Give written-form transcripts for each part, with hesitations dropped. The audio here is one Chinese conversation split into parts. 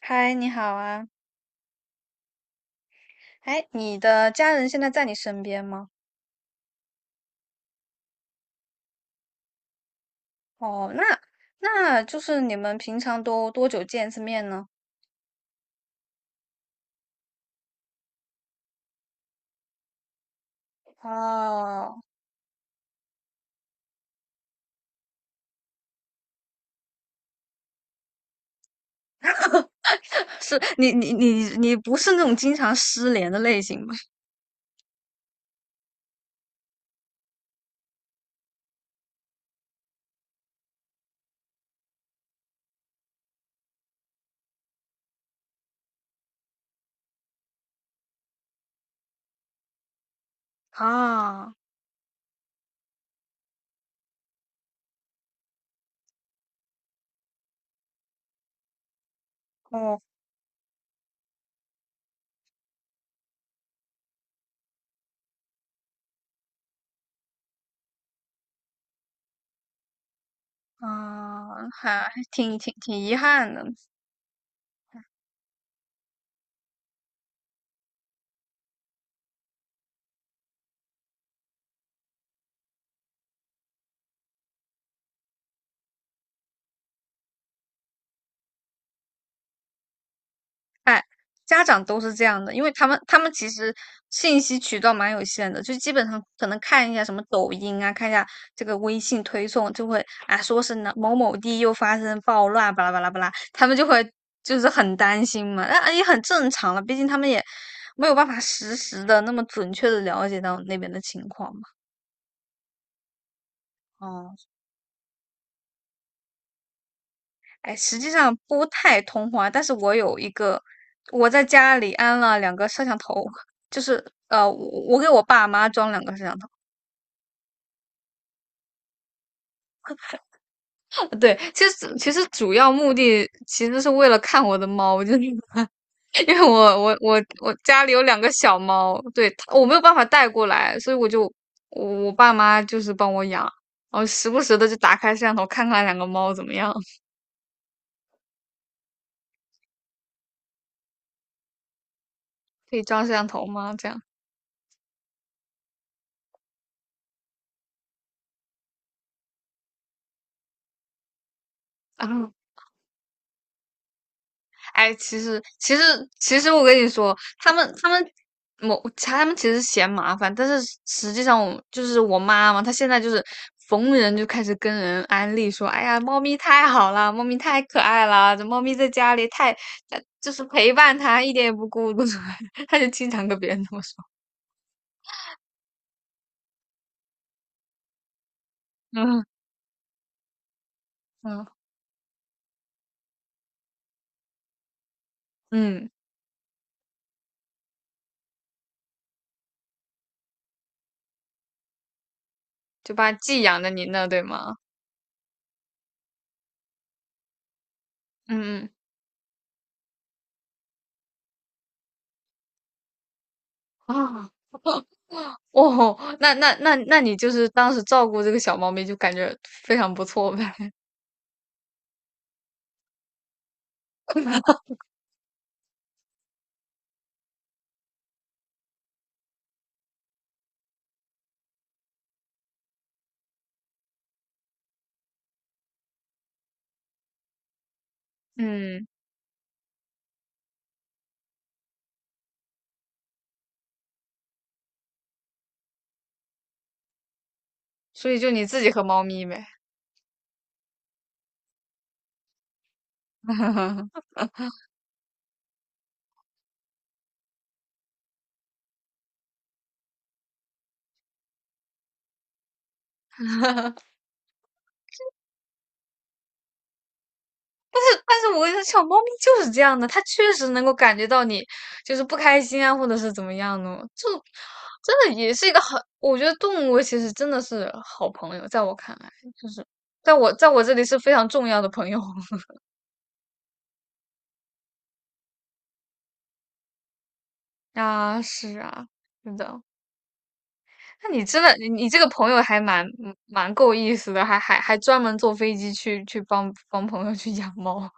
嗨，你好啊！哎，你的家人现在在你身边吗？哦，那那你们平常都多久见一次面呢？哦，是你不是那种经常失联的类型吧？啊，哦，啊，还挺遗憾的。哎，家长都是这样的，因为他们其实信息渠道蛮有限的，就基本上可能看一下什么抖音啊，看一下这个微信推送，就会啊说是哪某某地又发生暴乱，巴拉巴拉巴拉，他们就会就是很担心嘛，那也很正常了，毕竟他们也没有办法实时的那么准确的了解到那边的情况嘛。哦，哎，实际上不太通话，但是我有一个，我在家里安了两个摄像头，就是呃，我我给我爸妈装两个摄像头。对，其实主要目的其实是为了看我的猫，就是 因为我家里有两个小猫，对，我没有办法带过来，所以我爸妈就是帮我养，然后时不时的就打开摄像头看看两个猫怎么样，可以装摄像头吗？这样啊。哎，其实我跟你说，他们其实嫌麻烦，但是实际上我就是我妈嘛，她现在就是逢人就开始跟人安利说，哎呀，猫咪太好了，猫咪太可爱了，这猫咪在家里太就是陪伴它一点也不孤独，她就经常跟别人这么说，嗯嗯嗯，就把寄养在您那，对吗？嗯嗯，啊。哦，那你就是当时照顾这个小猫咪，就感觉非常不错呗。嗯，所以就你自己和猫咪呗。但是我跟你说，小猫咪就是这样的，它确实能够感觉到你就是不开心啊，或者是怎么样的哦，就真的也是一个很，我觉得动物其实真的是好朋友，在我看来，就是在我这里是非常重要的朋友 啊，是啊，真的。那你真的，你你这个朋友还蛮嗯蛮够意思的，还专门坐飞机去去帮帮朋友去养猫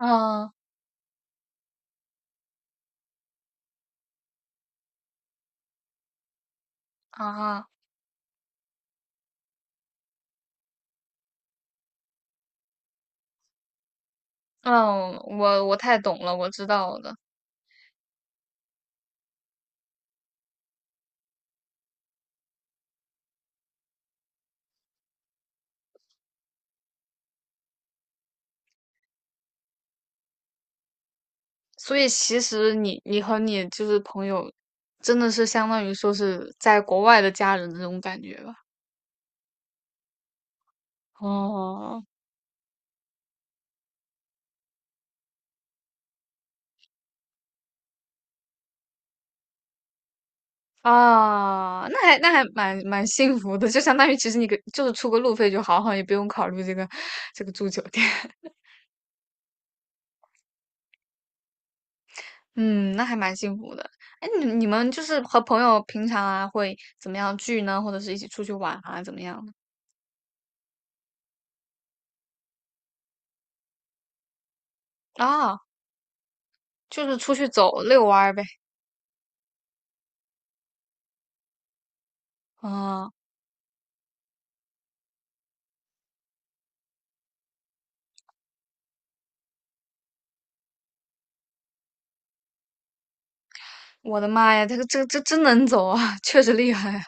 啊。啊。嗯，我太懂了，我知道的。所以其实你你和你就是朋友，真的是相当于说是在国外的家人的这种感觉吧？哦，啊，那还蛮蛮幸福的，就相当于其实你给就是出个路费就好，好像也不用考虑这个住酒店。嗯，那还蛮幸福的。哎，你你们就是和朋友平常啊会怎么样聚呢？或者是一起出去玩啊，怎么样的？啊，就是出去走遛弯儿呗。啊。我的妈呀，这个这真能走啊，确实厉害啊。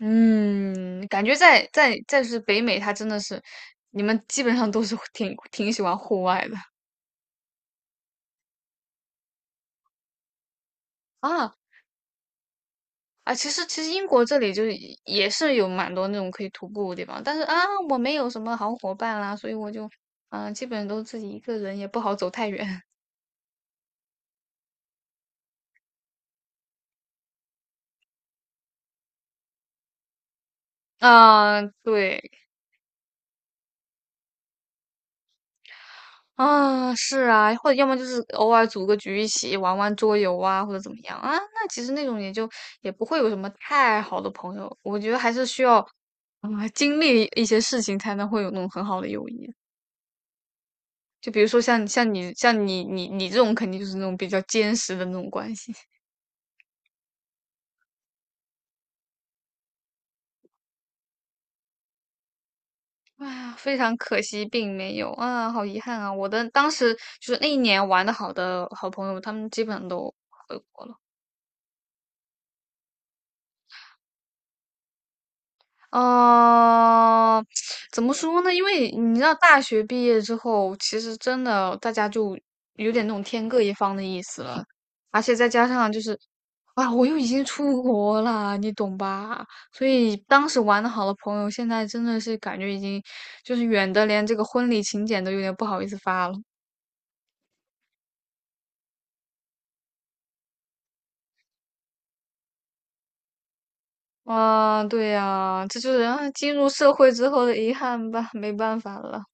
嗯，感觉在是北美，它真的是你们基本上都是挺喜欢户外的啊。啊。其实英国这里就是也是有蛮多那种可以徒步的地方，但是啊，我没有什么好伙伴啦，所以我就基本都自己一个人，也不好走太远。啊，对。啊，是啊，或者要么就是偶尔组个局一起玩玩桌游啊，或者怎么样啊。那其实那种也就也不会有什么太好的朋友，我觉得还是需要经历一些事情才能会有那种很好的友谊。就比如说像你这种肯定就是那种比较坚实的那种关系。哎呀，非常可惜，并没有啊，好遗憾啊！我的当时就是那一年玩的好的好朋友，他们基本上都回国了。呃，怎么说呢？因为你知道，大学毕业之后，其实真的大家就有点那种天各一方的意思了，而且再加上就是，啊，我又已经出国了，你懂吧？所以当时玩的好的朋友，现在真的是感觉已经就是远的，连这个婚礼请柬都有点不好意思发了。啊，对呀，这就是啊进入社会之后的遗憾吧，没办法了。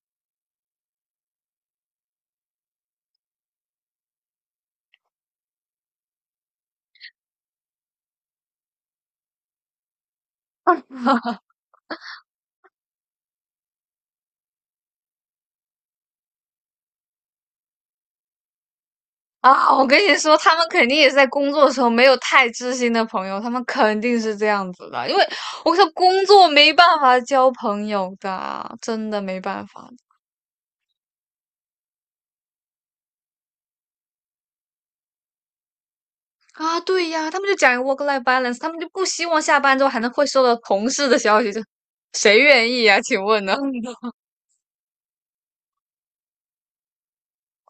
啊，我跟你说，他们肯定也是在工作的时候没有太知心的朋友，他们肯定是这样子的，因为我说工作没办法交朋友的，真的没办法啊。对呀，他们就讲 work-life balance，他们就不希望下班之后还能会收到同事的消息，就谁愿意呀？请问呢？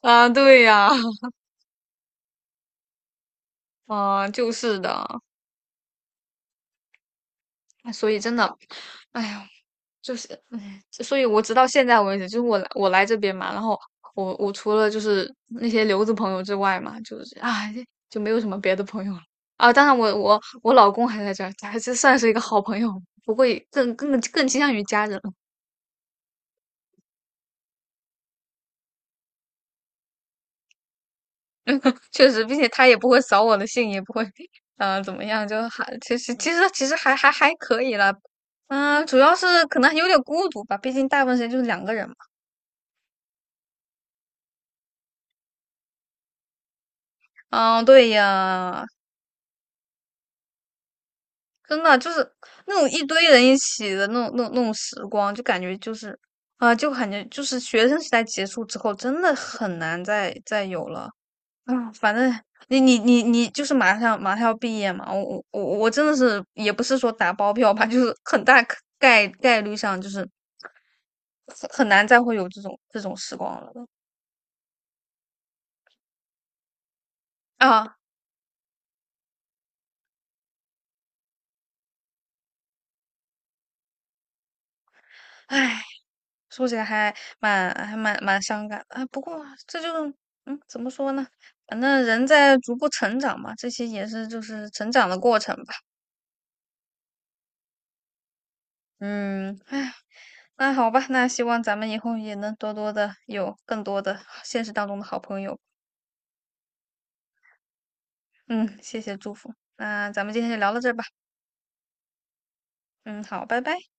啊，对呀，啊，就是的，哎所以真的，哎呀。就是，唉，所以我直到现在为止，就是我来这边嘛，然后我除了就是那些留子朋友之外嘛，就是啊，就没有什么别的朋友了啊。当然我，我老公还在这儿，还是算是一个好朋友，不过也更倾向于家人了。确实，并且他也不会扫我的兴，也不会怎么样，就还其实还可以啦。嗯，主要是可能有点孤独吧，毕竟大部分时间就是两个人嘛。嗯，对呀，真的就是那种一堆人一起的那种时光，就感觉就是啊，就感觉就是学生时代结束之后，真的很难再有了啊。反正你就是马上要毕业嘛，我真的是也不是说打包票吧，就是很大可概率上就是很难再会有这种时光了啊，唉。说起来还蛮伤感的啊。不过这就嗯，怎么说呢？反正人在逐步成长嘛，这些也是就是成长的过程吧。嗯，哎，那好吧，那希望咱们以后也能多多的有更多的现实当中的好朋友。嗯，谢谢祝福。那咱们今天就聊到这儿吧。嗯，好，拜拜。